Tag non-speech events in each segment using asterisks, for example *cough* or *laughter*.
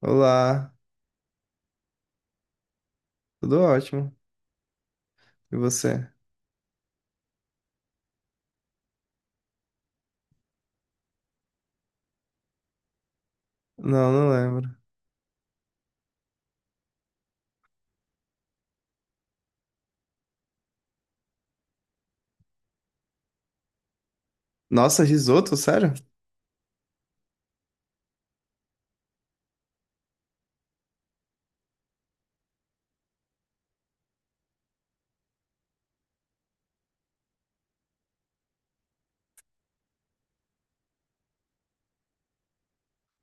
Olá, tudo ótimo. E você? Não, lembro. Nossa, risoto, sério?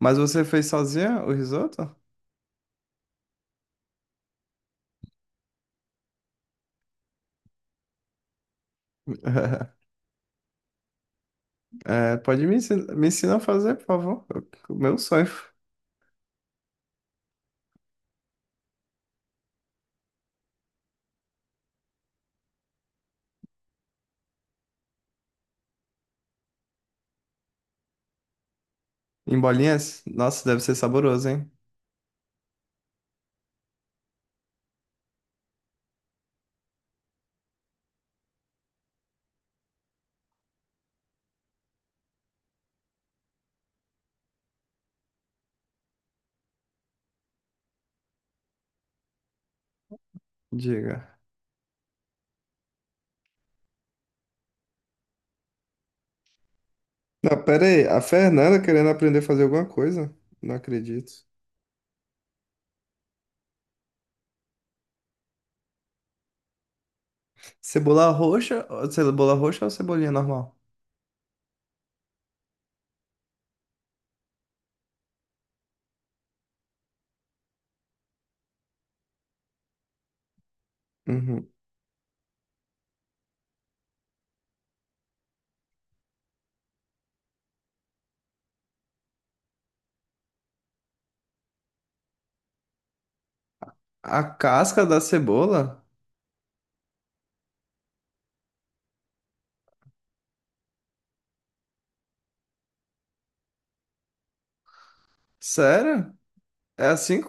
Mas você fez sozinha o risoto? *laughs* É, pode me ensinar a fazer, por favor. O meu sonho. Em bolinhas? Nossa, deve ser saboroso, hein? Diga. Não, pera aí. A Fernanda querendo aprender a fazer alguma coisa? Não acredito. Cebola roxa ou cebolinha normal? Uhum. A casca da cebola? Sério? É assim?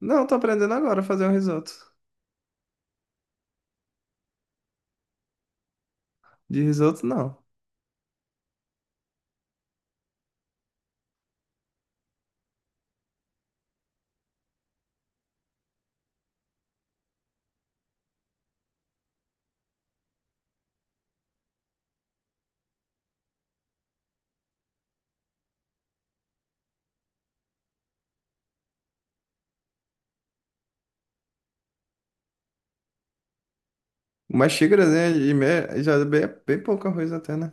Não, tô aprendendo agora a fazer um risoto. De risoto, não. Mas xícaras né, e meia já é bem pouco arroz até, né?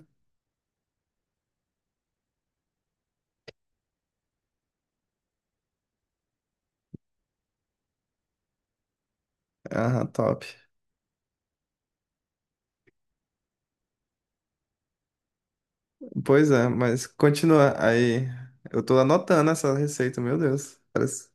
Aham, top. Pois é, mas continua. Aí, eu tô anotando essa receita, meu Deus. Parece...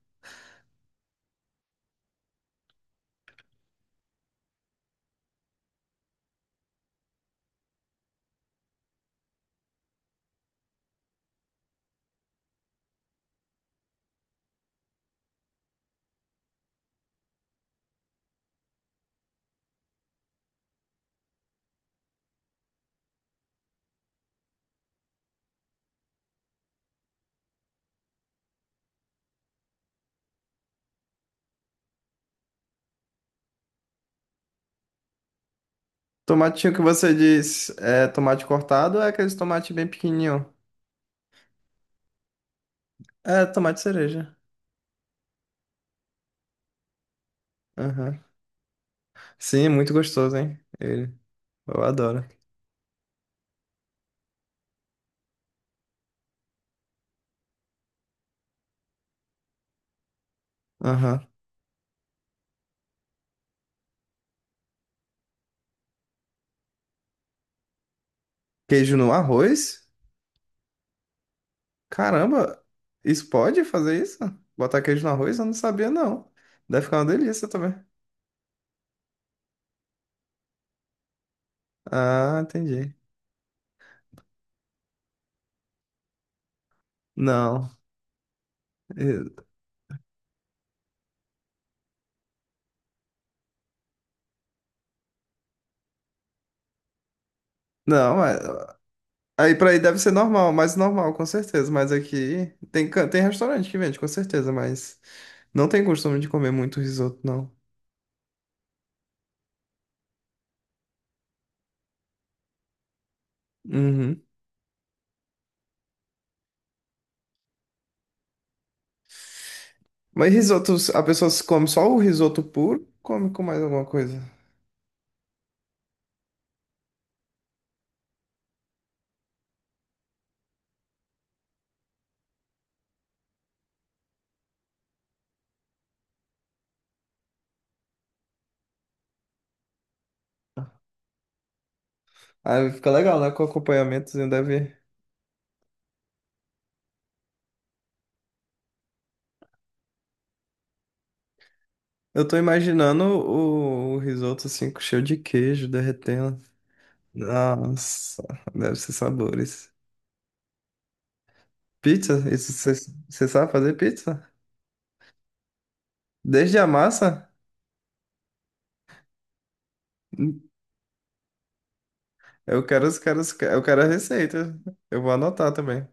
Tomatinho que você diz é tomate cortado ou é aqueles tomate bem pequenininho? É, tomate cereja. Aham. Sim, muito gostoso, hein? Ele. Eu adoro. Aham. Queijo no arroz? Caramba, isso pode fazer isso? Botar queijo no arroz? Eu não sabia, não. Deve ficar uma delícia também. Ah, entendi. Não, eu- não, é- Aí pra aí deve ser normal, mais normal, com certeza. Mas aqui tem, tem restaurante que vende, com certeza, mas não tem costume de comer muito risoto, não. Uhum. Mas risoto, a pessoa se come só o risoto puro, come com mais alguma coisa. Aí fica legal, né? Com acompanhamentozinho deve. Eu tô imaginando o risoto assim, com cheio de queijo, derretendo. Nossa, deve ser sabores. Pizza? Isso, você sabe fazer pizza? Desde a massa? Eu quero os caras, eu quero a receita. Eu vou anotar também.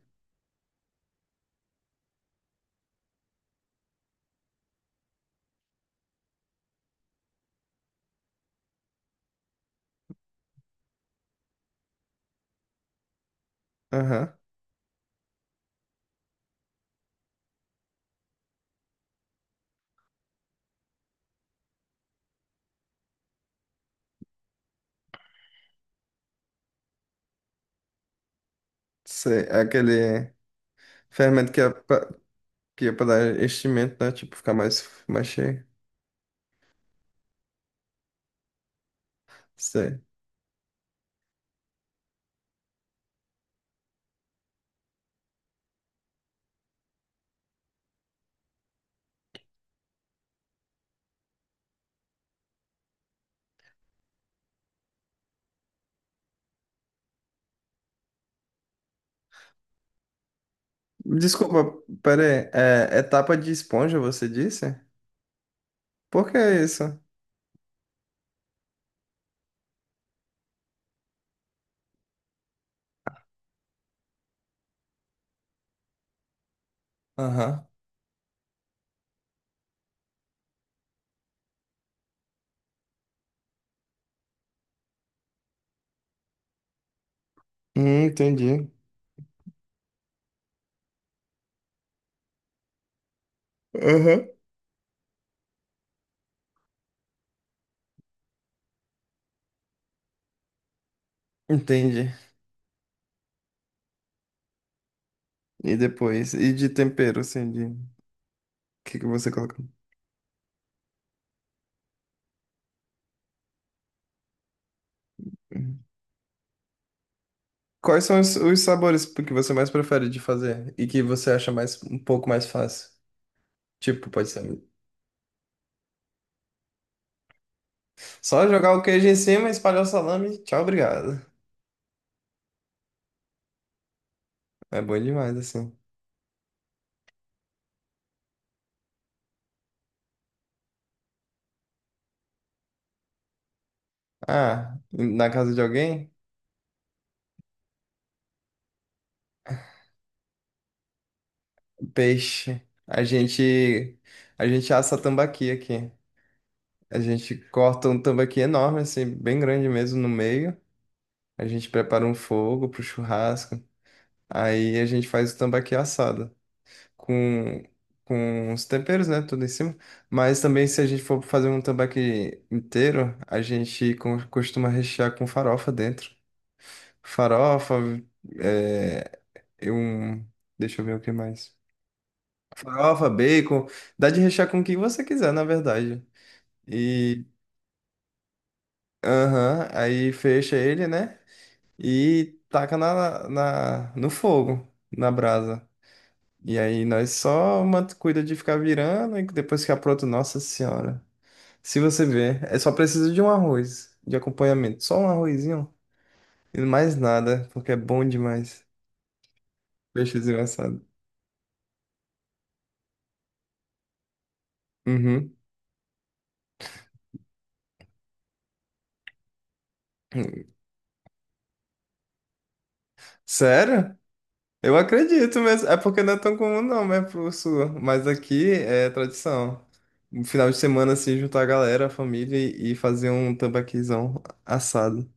Aham. Sei, é aquele fermento que é pra dar enchimento, né? Tipo, ficar mais cheio. Sei. Desculpa, pera aí. É, tapa de esponja, você disse? Por que isso? Aham. Entendi. Aham. Entendi. E depois? E de tempero, assim, de... O que que você coloca? Quais são os sabores que você mais prefere de fazer e que você acha mais um pouco mais fácil? Tipo, pode ser só jogar o queijo em cima, espalhar o salame, tchau, obrigado. É bom demais assim. Ah, na casa de alguém? Peixe. A gente a gente assa tambaqui aqui. A gente corta um tambaqui enorme assim, bem grande mesmo no meio. A gente prepara um fogo pro churrasco. Aí a gente faz o tambaqui assado. com, com os temperos, né? Tudo em cima. Mas também, se a gente for fazer um tambaqui inteiro, a gente costuma rechear com farofa dentro. Farofa, é, e um. Deixa eu ver o que mais. Farofa, bacon. Dá de rechear com o que você quiser, na verdade. E. Aham, aí fecha ele, né? E taca no fogo, na brasa. E aí nós só cuida de ficar virando e depois que apronta, nossa senhora. Se você ver, é só precisa de um arroz de acompanhamento. Só um arrozinho e mais nada, porque é bom demais. Peixezinho assado. Uhum. Sério? Eu acredito mesmo. É porque não é tão comum não, né, pro sul. Mas aqui é tradição. No final de semana, assim, juntar a galera, a família e fazer um tambaquizão assado.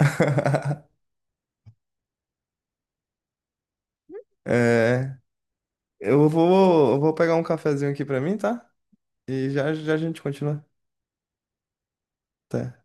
*laughs* É. Eu vou pegar um cafezinho aqui pra mim, tá? E já a gente continua. Até.